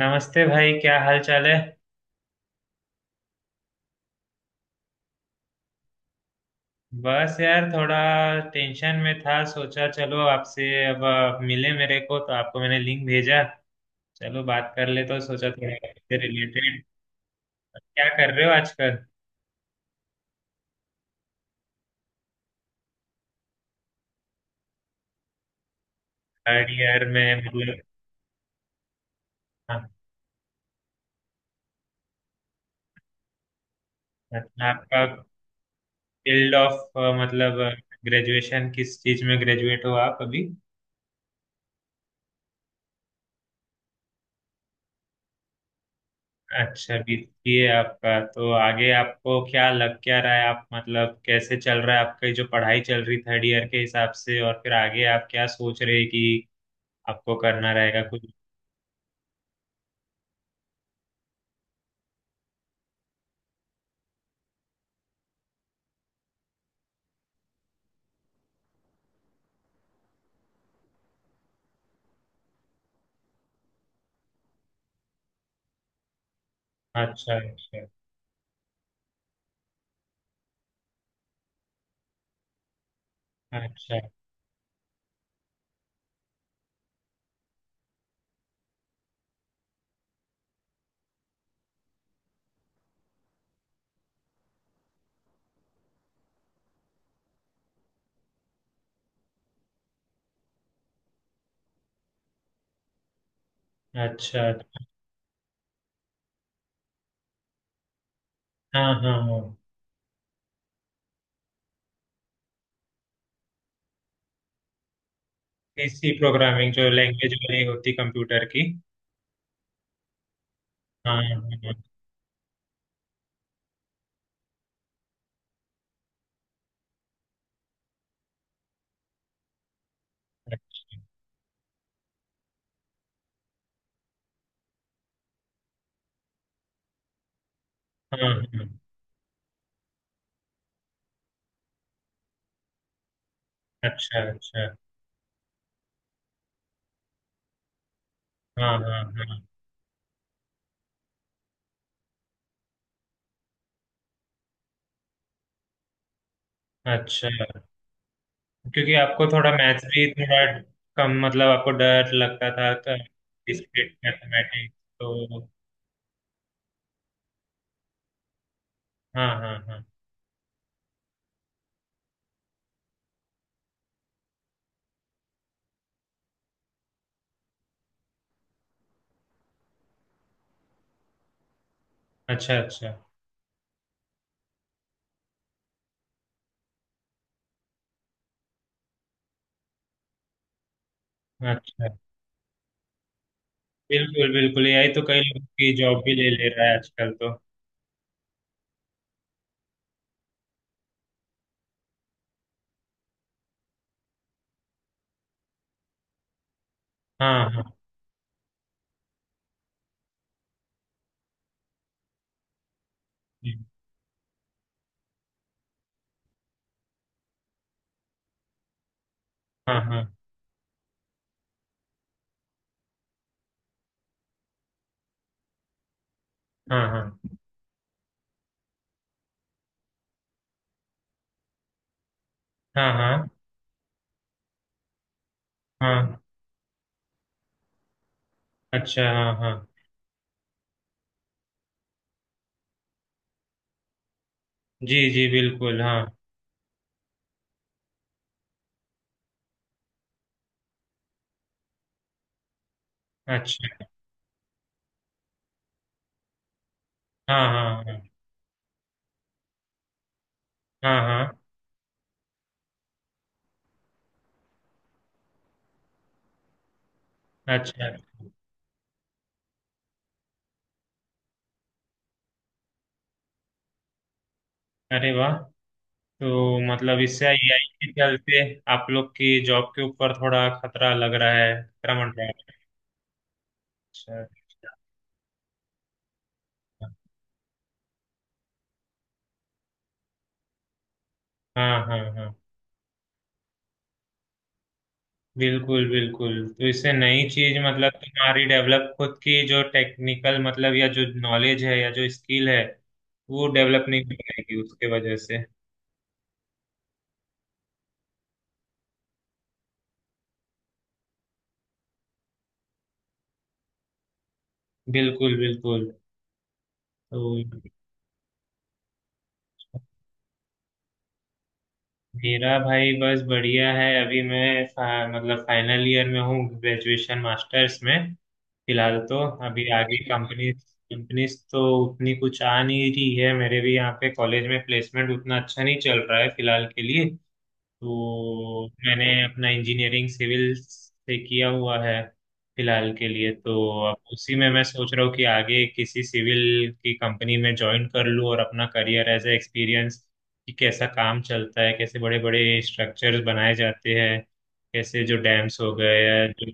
नमस्ते भाई, क्या हाल चाल है। बस यार थोड़ा टेंशन में था, सोचा चलो आपसे। अब आप मिले मेरे को तो आपको मैंने लिंक भेजा, चलो बात कर ले, तो सोचा थोड़ा आपसे रिलेटेड। क्या कर रहे हो आजकल। थर्ड ईयर में मतलब। हाँ। मतलब आपका फील्ड ऑफ, मतलब ग्रेजुएशन, किस चीज में ग्रेजुएट हो आप अभी। अच्छा, बीसीए आपका। तो आगे आपको क्या लग क्या रहा है, आप मतलब कैसे चल रहा है आपकी जो पढ़ाई चल रही थर्ड ईयर के हिसाब से, और फिर आगे आप क्या सोच रहे हैं कि आपको करना रहेगा कुछ। अच्छा अच्छा। अच्छा अच्छा। अच्छा। हाँ हाँ हाँ। पीसी प्रोग्रामिंग, जो लैंग्वेज वाली होती कंप्यूटर की। हाँ हाँ हाँ। अच्छा। हाँ हाँ हाँ। अच्छा अच्छा। हाँ हाँ हाँ। अच्छा। क्योंकि आपको थोड़ा मैथ्स भी थोड़ा कम, मतलब आपको डर लगता था तो। डिस्क्रीट मैथमेटिक्स तो। हाँ हाँ हाँ। अच्छा अच्छा। अच्छा। बिल्कुल बिल्कुल, यही तो कई लोग की जॉब भी ले ले रहा है आजकल तो। हाँ हाँ हाँ। हाँ हाँ हाँ। हाँ हाँ। हाँ। अच्छा। हाँ हाँ। जी जी, बिल्कुल हाँ। अच्छा। हाँ हाँ हाँ। हाँ हाँ। अच्छा अच्छा। अरे वाह! तो मतलब इससे एआई के चलते आप लोग की जॉब के ऊपर थोड़ा खतरा लग रहा है, खतरा मंडरा है। अच्छा अच्छा। हाँ हाँ हाँ। बिल्कुल बिल्कुल। तो इससे नई चीज, मतलब तुम्हारी डेवलप खुद की जो टेक्निकल, मतलब या जो नॉलेज है या जो स्किल है, वो डेवलप नहीं हो पाएगी उसके वजह से। बिल्कुल बिल्कुल। तो मेरा भाई बस बढ़िया है। अभी मैं मतलब फाइनल ईयर में हूँ, ग्रेजुएशन मास्टर्स में फिलहाल तो। अभी आगे कंपनीज, कंपनीज तो उतनी कुछ आ नहीं रही है। मेरे भी यहाँ पे कॉलेज में प्लेसमेंट उतना अच्छा नहीं चल रहा है फिलहाल के लिए। तो मैंने अपना इंजीनियरिंग सिविल से किया हुआ है फिलहाल के लिए तो। अब उसी में मैं सोच रहा हूँ कि आगे किसी सिविल की कंपनी में ज्वाइन कर लूँ और अपना करियर एज ए एक्सपीरियंस, कि कैसा काम चलता है, कैसे बड़े बड़े स्ट्रक्चर्स बनाए जाते हैं, कैसे जो डैम्स हो गए या जो।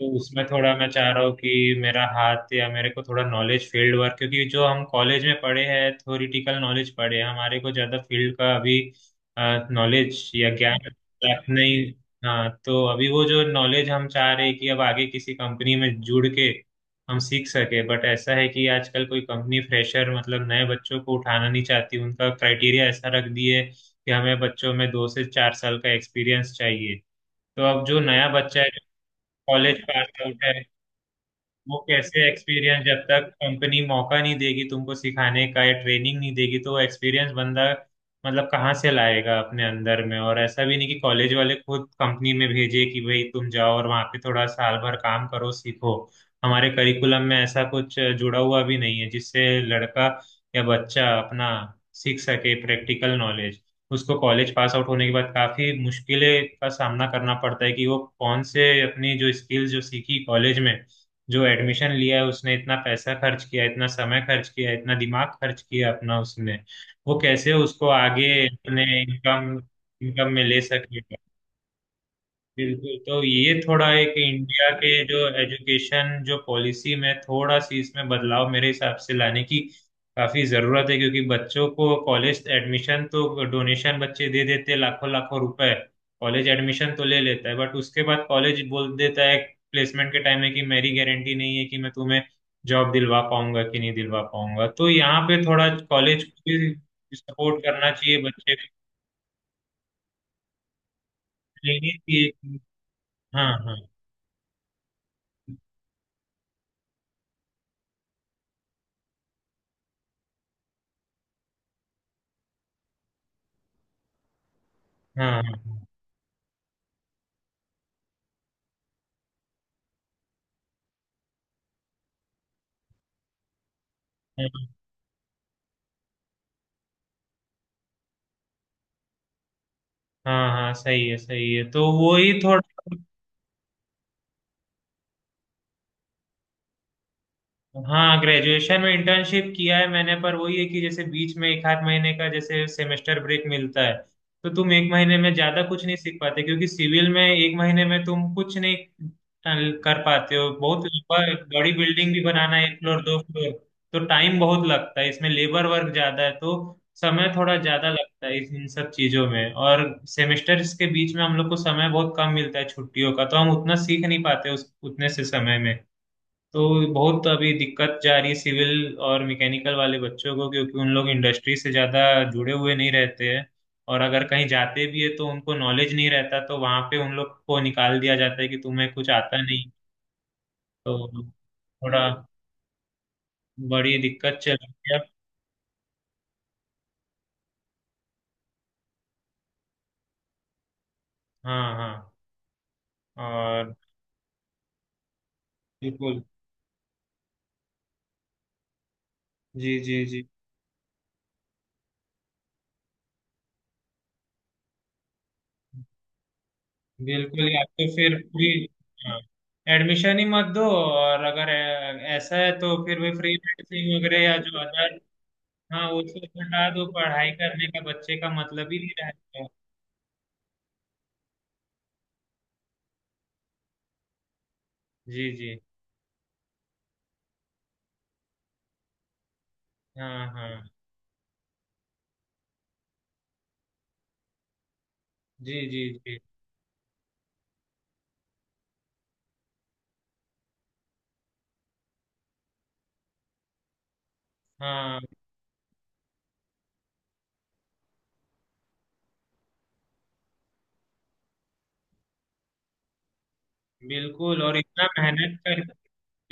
तो उसमें थोड़ा मैं चाह रहा हूँ कि मेरा हाथ या मेरे को थोड़ा नॉलेज फील्ड वर्क, क्योंकि जो हम कॉलेज में पढ़े हैं थ्योरिटिकल नॉलेज पढ़े हैं, हमारे को ज़्यादा फील्ड का अभी नॉलेज या ज्ञान प्राप्त नहीं। हाँ, तो अभी वो जो नॉलेज हम चाह रहे हैं कि अब आगे किसी कंपनी में जुड़ के हम सीख सके। बट ऐसा है कि आजकल कोई कंपनी फ्रेशर मतलब नए बच्चों को उठाना नहीं चाहती। उनका क्राइटेरिया ऐसा रख दिए कि हमें बच्चों में दो से चार साल का एक्सपीरियंस चाहिए। तो अब जो नया बच्चा है, कॉलेज पास आउट है, वो कैसे एक्सपीरियंस, जब तक कंपनी मौका नहीं देगी तुमको सिखाने का या ट्रेनिंग नहीं देगी तो एक्सपीरियंस बंदा मतलब कहाँ से लाएगा अपने अंदर में। और ऐसा भी नहीं कि कॉलेज वाले खुद कंपनी में भेजे कि भाई तुम जाओ और वहाँ पे थोड़ा साल भर काम करो सीखो। हमारे करिकुलम में ऐसा कुछ जुड़ा हुआ भी नहीं है जिससे लड़का या बच्चा अपना सीख सके प्रैक्टिकल नॉलेज। उसको कॉलेज पास आउट होने के बाद काफी मुश्किलें का सामना करना पड़ता है कि वो कौन से अपनी जो स्किल्स जो सीखी कॉलेज में, जो एडमिशन लिया है उसने, इतना पैसा खर्च किया, इतना समय खर्च किया, इतना दिमाग खर्च किया अपना उसने, वो कैसे उसको आगे अपने इनकम, इनकम में ले सके। बिल्कुल। तो ये थोड़ा एक इंडिया के जो एजुकेशन जो पॉलिसी में थोड़ा सी इसमें बदलाव मेरे हिसाब से लाने की काफी जरूरत है। क्योंकि बच्चों को कॉलेज एडमिशन तो डोनेशन बच्चे दे देते हैं लाखों लाखों रुपए। कॉलेज एडमिशन तो ले लेता है बट उसके बाद कॉलेज बोल देता है प्लेसमेंट के टाइम में कि मेरी गारंटी नहीं है कि मैं तुम्हें जॉब दिलवा पाऊंगा कि नहीं दिलवा पाऊंगा। तो यहाँ पे थोड़ा कॉलेज को भी सपोर्ट करना चाहिए बच्चे को। नहीं चाहिए कि- हाँ हाँ हाँ। हाँ हाँ। हाँ। हाँ हाँ, सही है सही है, तो वो ही थोड़ा। हाँ, ग्रेजुएशन में इंटर्नशिप किया है मैंने। पर वही है कि जैसे बीच में एक आध महीने का जैसे सेमेस्टर ब्रेक मिलता है, तो तुम एक महीने में ज्यादा कुछ नहीं सीख पाते, क्योंकि सिविल में एक महीने में तुम कुछ नहीं कर पाते हो। बहुत लंबा बड़ी बिल्डिंग भी बनाना है, एक फ्लोर, दो फ्लोर, तो टाइम बहुत लगता है इसमें। लेबर वर्क ज्यादा है तो समय थोड़ा ज्यादा लगता है इन सब चीजों में। और सेमेस्टर्स के बीच में हम लोग को समय बहुत कम मिलता है छुट्टियों का, तो हम उतना सीख नहीं पाते उस उतने से समय में। तो बहुत अभी दिक्कत जा रही है सिविल और मैकेनिकल वाले बच्चों को, क्योंकि उन लोग इंडस्ट्री से ज़्यादा जुड़े हुए नहीं रहते हैं। और अगर कहीं जाते भी है तो उनको नॉलेज नहीं रहता, तो वहाँ पे उन लोग को निकाल दिया जाता है कि तुम्हें कुछ आता नहीं। तो थोड़ा बड़ी दिक्कत चल रही है। हाँ हाँ। और बिल्कुल। जी जी जी। बिल्कुल, या तो फिर फ्री। हाँ, एडमिशन ही मत दो। और अगर ऐसा है तो फिर वे फ्री नर्सिंग वगैरह या जो अदर। हाँ, वो सब भंडार तो पढ़ाई करने का बच्चे का मतलब ही नहीं रहता है। जी जी। हाँ हाँ। जी जी जी। हाँ, बिल्कुल, और इतना मेहनत कर।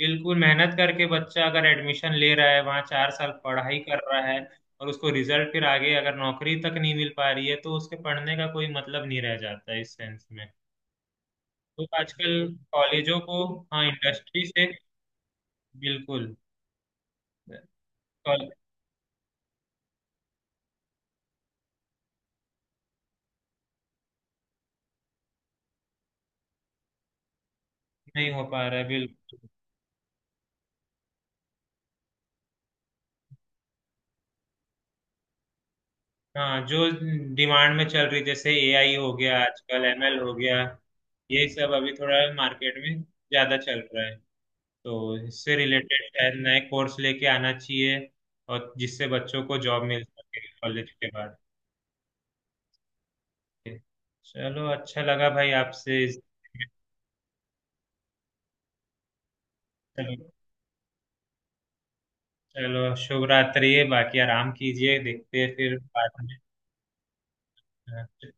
बिल्कुल, मेहनत करके बच्चा अगर एडमिशन ले रहा है, वहाँ चार साल पढ़ाई कर रहा है, और उसको रिजल्ट फिर आगे अगर नौकरी तक नहीं मिल पा रही है तो उसके पढ़ने का कोई मतलब नहीं रह जाता है इस सेंस में। तो आजकल कॉलेजों को, हाँ, इंडस्ट्री से, बिल्कुल। कॉल- नहीं हो पा रहा है, बिल्कुल। हाँ, जो डिमांड में चल रही जैसे एआई हो गया, आजकल एमएल हो गया, ये सब अभी थोड़ा मार्केट में ज्यादा चल रहा है, तो इससे रिलेटेड शायद नए कोर्स लेके आना चाहिए। और जिससे बच्चों को जॉब मिल सके कॉलेज के बाद। चलो, अच्छा लगा भाई आपसे चलो, चलो, शुभ रात्रि। बाकी आराम कीजिए, देखते हैं फिर बाद में। हाँ।